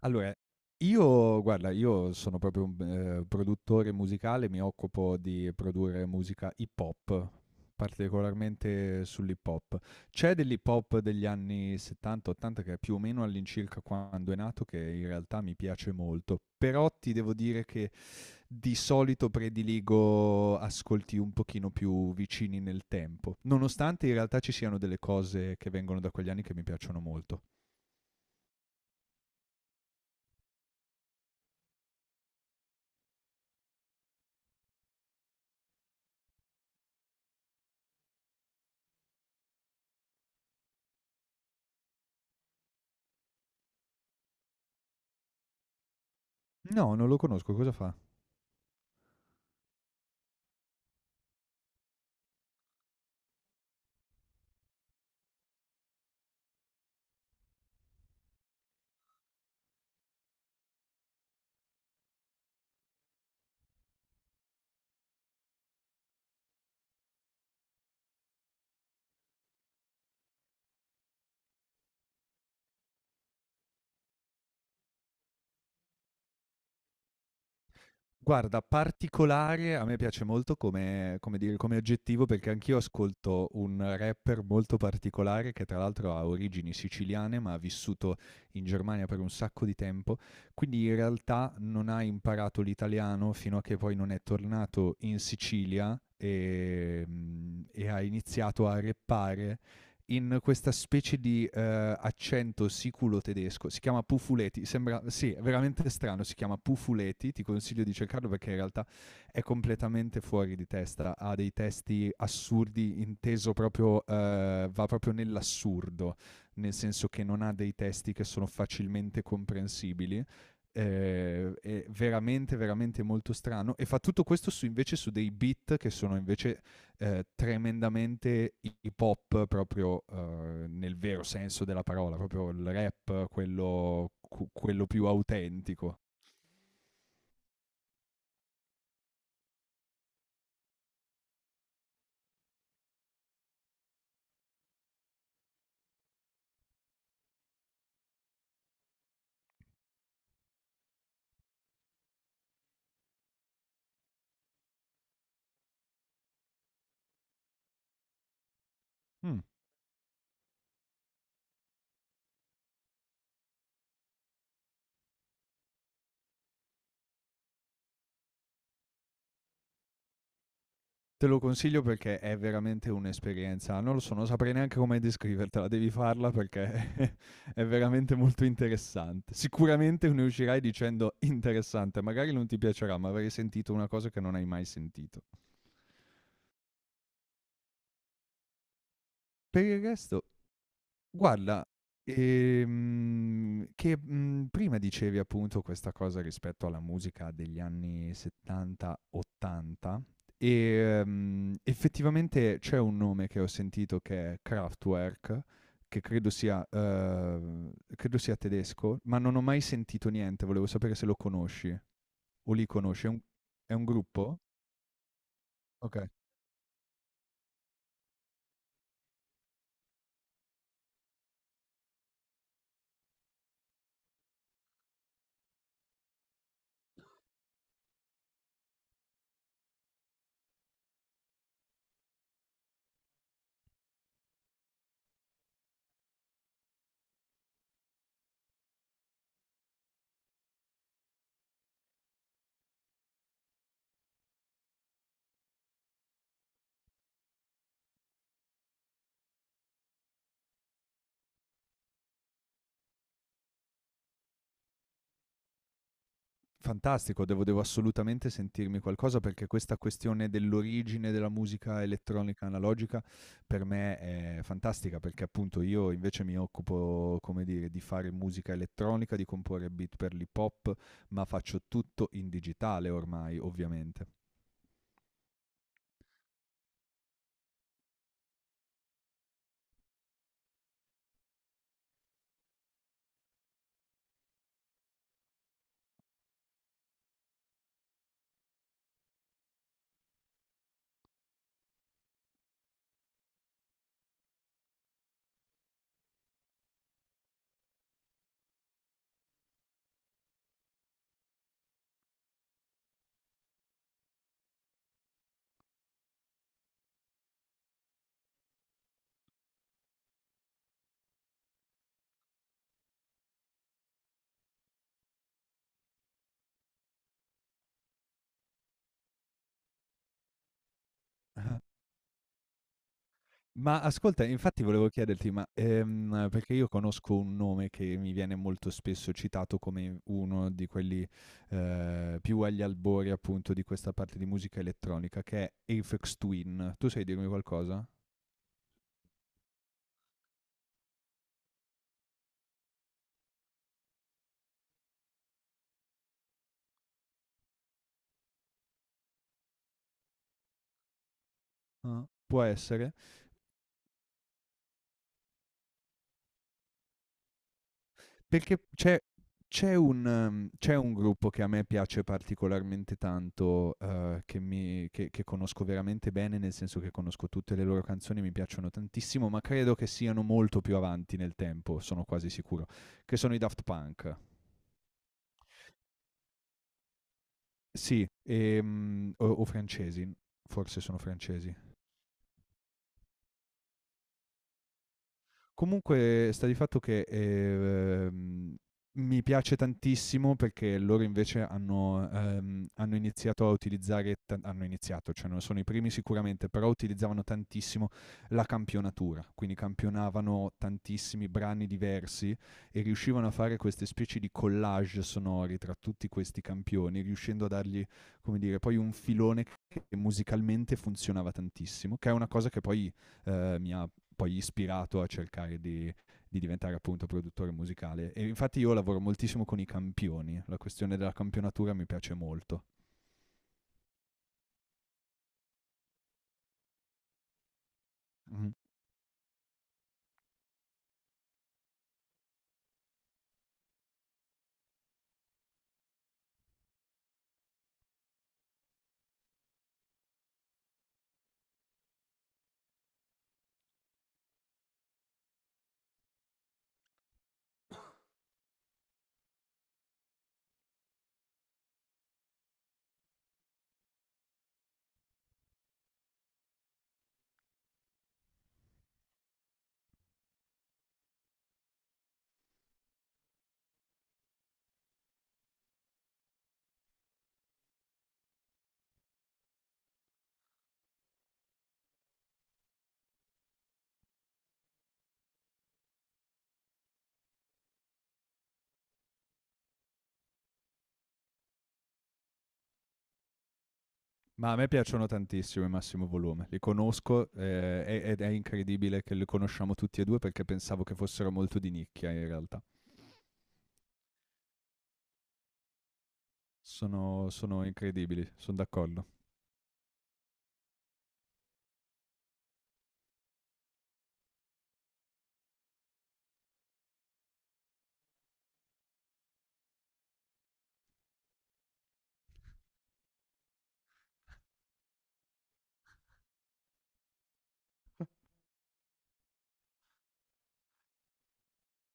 Allora, io guarda, io sono proprio un produttore musicale, mi occupo di produrre musica hip hop, particolarmente sull'hip hop. C'è dell'hip hop degli anni 70, 80 che è più o meno all'incirca quando è nato, che in realtà mi piace molto, però ti devo dire che di solito prediligo ascolti un pochino più vicini nel tempo, nonostante in realtà ci siano delle cose che vengono da quegli anni che mi piacciono molto. No, non lo conosco, cosa fa? Guarda, particolare a me piace molto come dire, come aggettivo, perché anch'io ascolto un rapper molto particolare, che tra l'altro ha origini siciliane, ma ha vissuto in Germania per un sacco di tempo, quindi in realtà non ha imparato l'italiano fino a che poi non è tornato in Sicilia, e ha iniziato a rappare in questa specie di accento siculo tedesco. Si chiama Pufuleti. Sembra, sì, è veramente strano. Si chiama Pufuleti. Ti consiglio di cercarlo perché in realtà è completamente fuori di testa. Ha dei testi assurdi, inteso proprio, va proprio nell'assurdo, nel senso che non ha dei testi che sono facilmente comprensibili. È veramente molto strano e fa tutto questo su, invece su dei beat che sono invece tremendamente hip hop proprio nel vero senso della parola, proprio il rap, quello, quello più autentico. Mm. Te lo consiglio perché è veramente un'esperienza, non lo so, non saprei neanche come descrivertela, devi farla perché è veramente molto interessante. Sicuramente ne uscirai dicendo interessante, magari non ti piacerà, ma avrai sentito una cosa che non hai mai sentito. Per il resto, guarda, che, mhmm, prima dicevi appunto questa cosa rispetto alla musica degli anni 70, 80. Effettivamente c'è un nome che ho sentito che è Kraftwerk, che credo sia tedesco, ma non ho mai sentito niente, volevo sapere se lo conosci o li conosci. È un gruppo? Oka. Fantastico, devo assolutamente sentirmi qualcosa perché questa questione dell'origine della musica elettronica analogica per me è fantastica, perché appunto io invece mi occupo, come dire, di fare musica elettronica, di comporre beat per l'hip hop, ma faccio tutto in digitale ormai, ovviamente. Ma ascolta, infatti volevo chiederti, perché io conosco un nome che mi viene molto spesso citato come uno di quelli, più agli albori appunto di questa parte di musica elettronica, che è Aphex Twin. Tu sai dirmi qualcosa? Ah. Può essere. Perché c'è un gruppo che a me piace particolarmente tanto, che mi che conosco veramente bene, nel senso che conosco tutte le loro canzoni, mi piacciono tantissimo, ma credo che siano molto più avanti nel tempo, sono quasi sicuro, che sono i Daft Punk. Sì, o francesi, forse sono francesi. Comunque sta di fatto che, mi piace tantissimo perché loro invece hanno hanno iniziato a utilizzare ta hanno iniziato, cioè non sono i primi sicuramente, però utilizzavano tantissimo la campionatura, quindi campionavano tantissimi brani diversi e riuscivano a fare queste specie di collage sonori tra tutti questi campioni, riuscendo a dargli, come dire, poi un filone che musicalmente funzionava tantissimo, che è una cosa che poi, mi ha poi ispirato a cercare di diventare appunto produttore musicale. E infatti io lavoro moltissimo con i campioni, la questione della campionatura mi piace molto. Mhm. Ma a me piacciono tantissimo i Massimo Volume, li conosco, ed è incredibile che li conosciamo tutti e due perché pensavo che fossero molto di nicchia in realtà. Sono incredibili, sono d'accordo.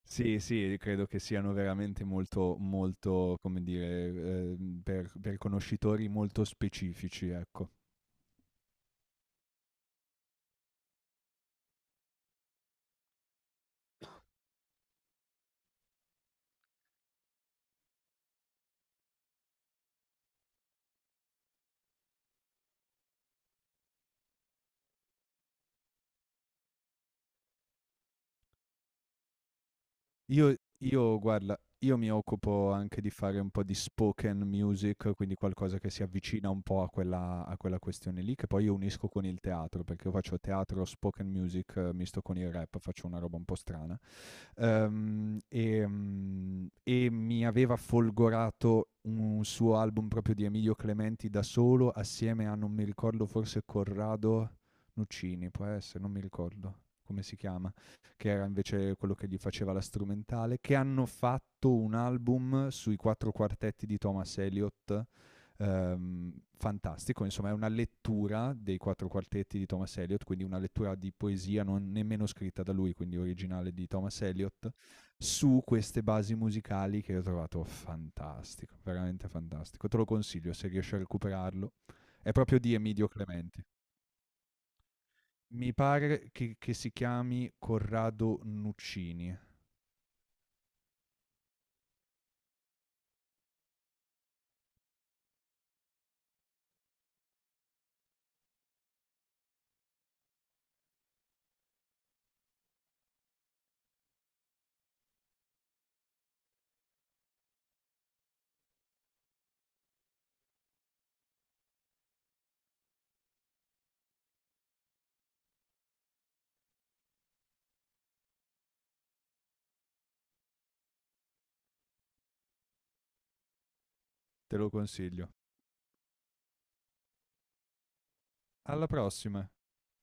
Sì, sì, credo che siano veramente molto, come dire, per conoscitori molto specifici, ecco. Io io guarda, io mi occupo anche di fare un po' di spoken music, quindi qualcosa che si avvicina un po' a quella questione lì, che poi io unisco con il teatro, perché io faccio teatro spoken music, misto con il rap, faccio una roba un po' strana. E mi aveva folgorato un suo album proprio di Emilio Clementi da solo, assieme a non mi ricordo, forse Corrado Nuccini, può essere, non mi ricordo come si chiama, che era invece quello che gli faceva la strumentale, che hanno fatto un album sui quattro quartetti di Thomas Elliott. Fantastico, insomma è una lettura dei quattro quartetti di Thomas Eliot, quindi una lettura di poesia non nemmeno scritta da lui, quindi originale di Thomas Eliot, su queste basi musicali, che ho trovato fantastico, veramente fantastico. Te lo consiglio se riesci a recuperarlo. È proprio di Emidio Clementi. Mi pare che si chiami Corrado Nuccini, te lo consiglio. Alla prossima.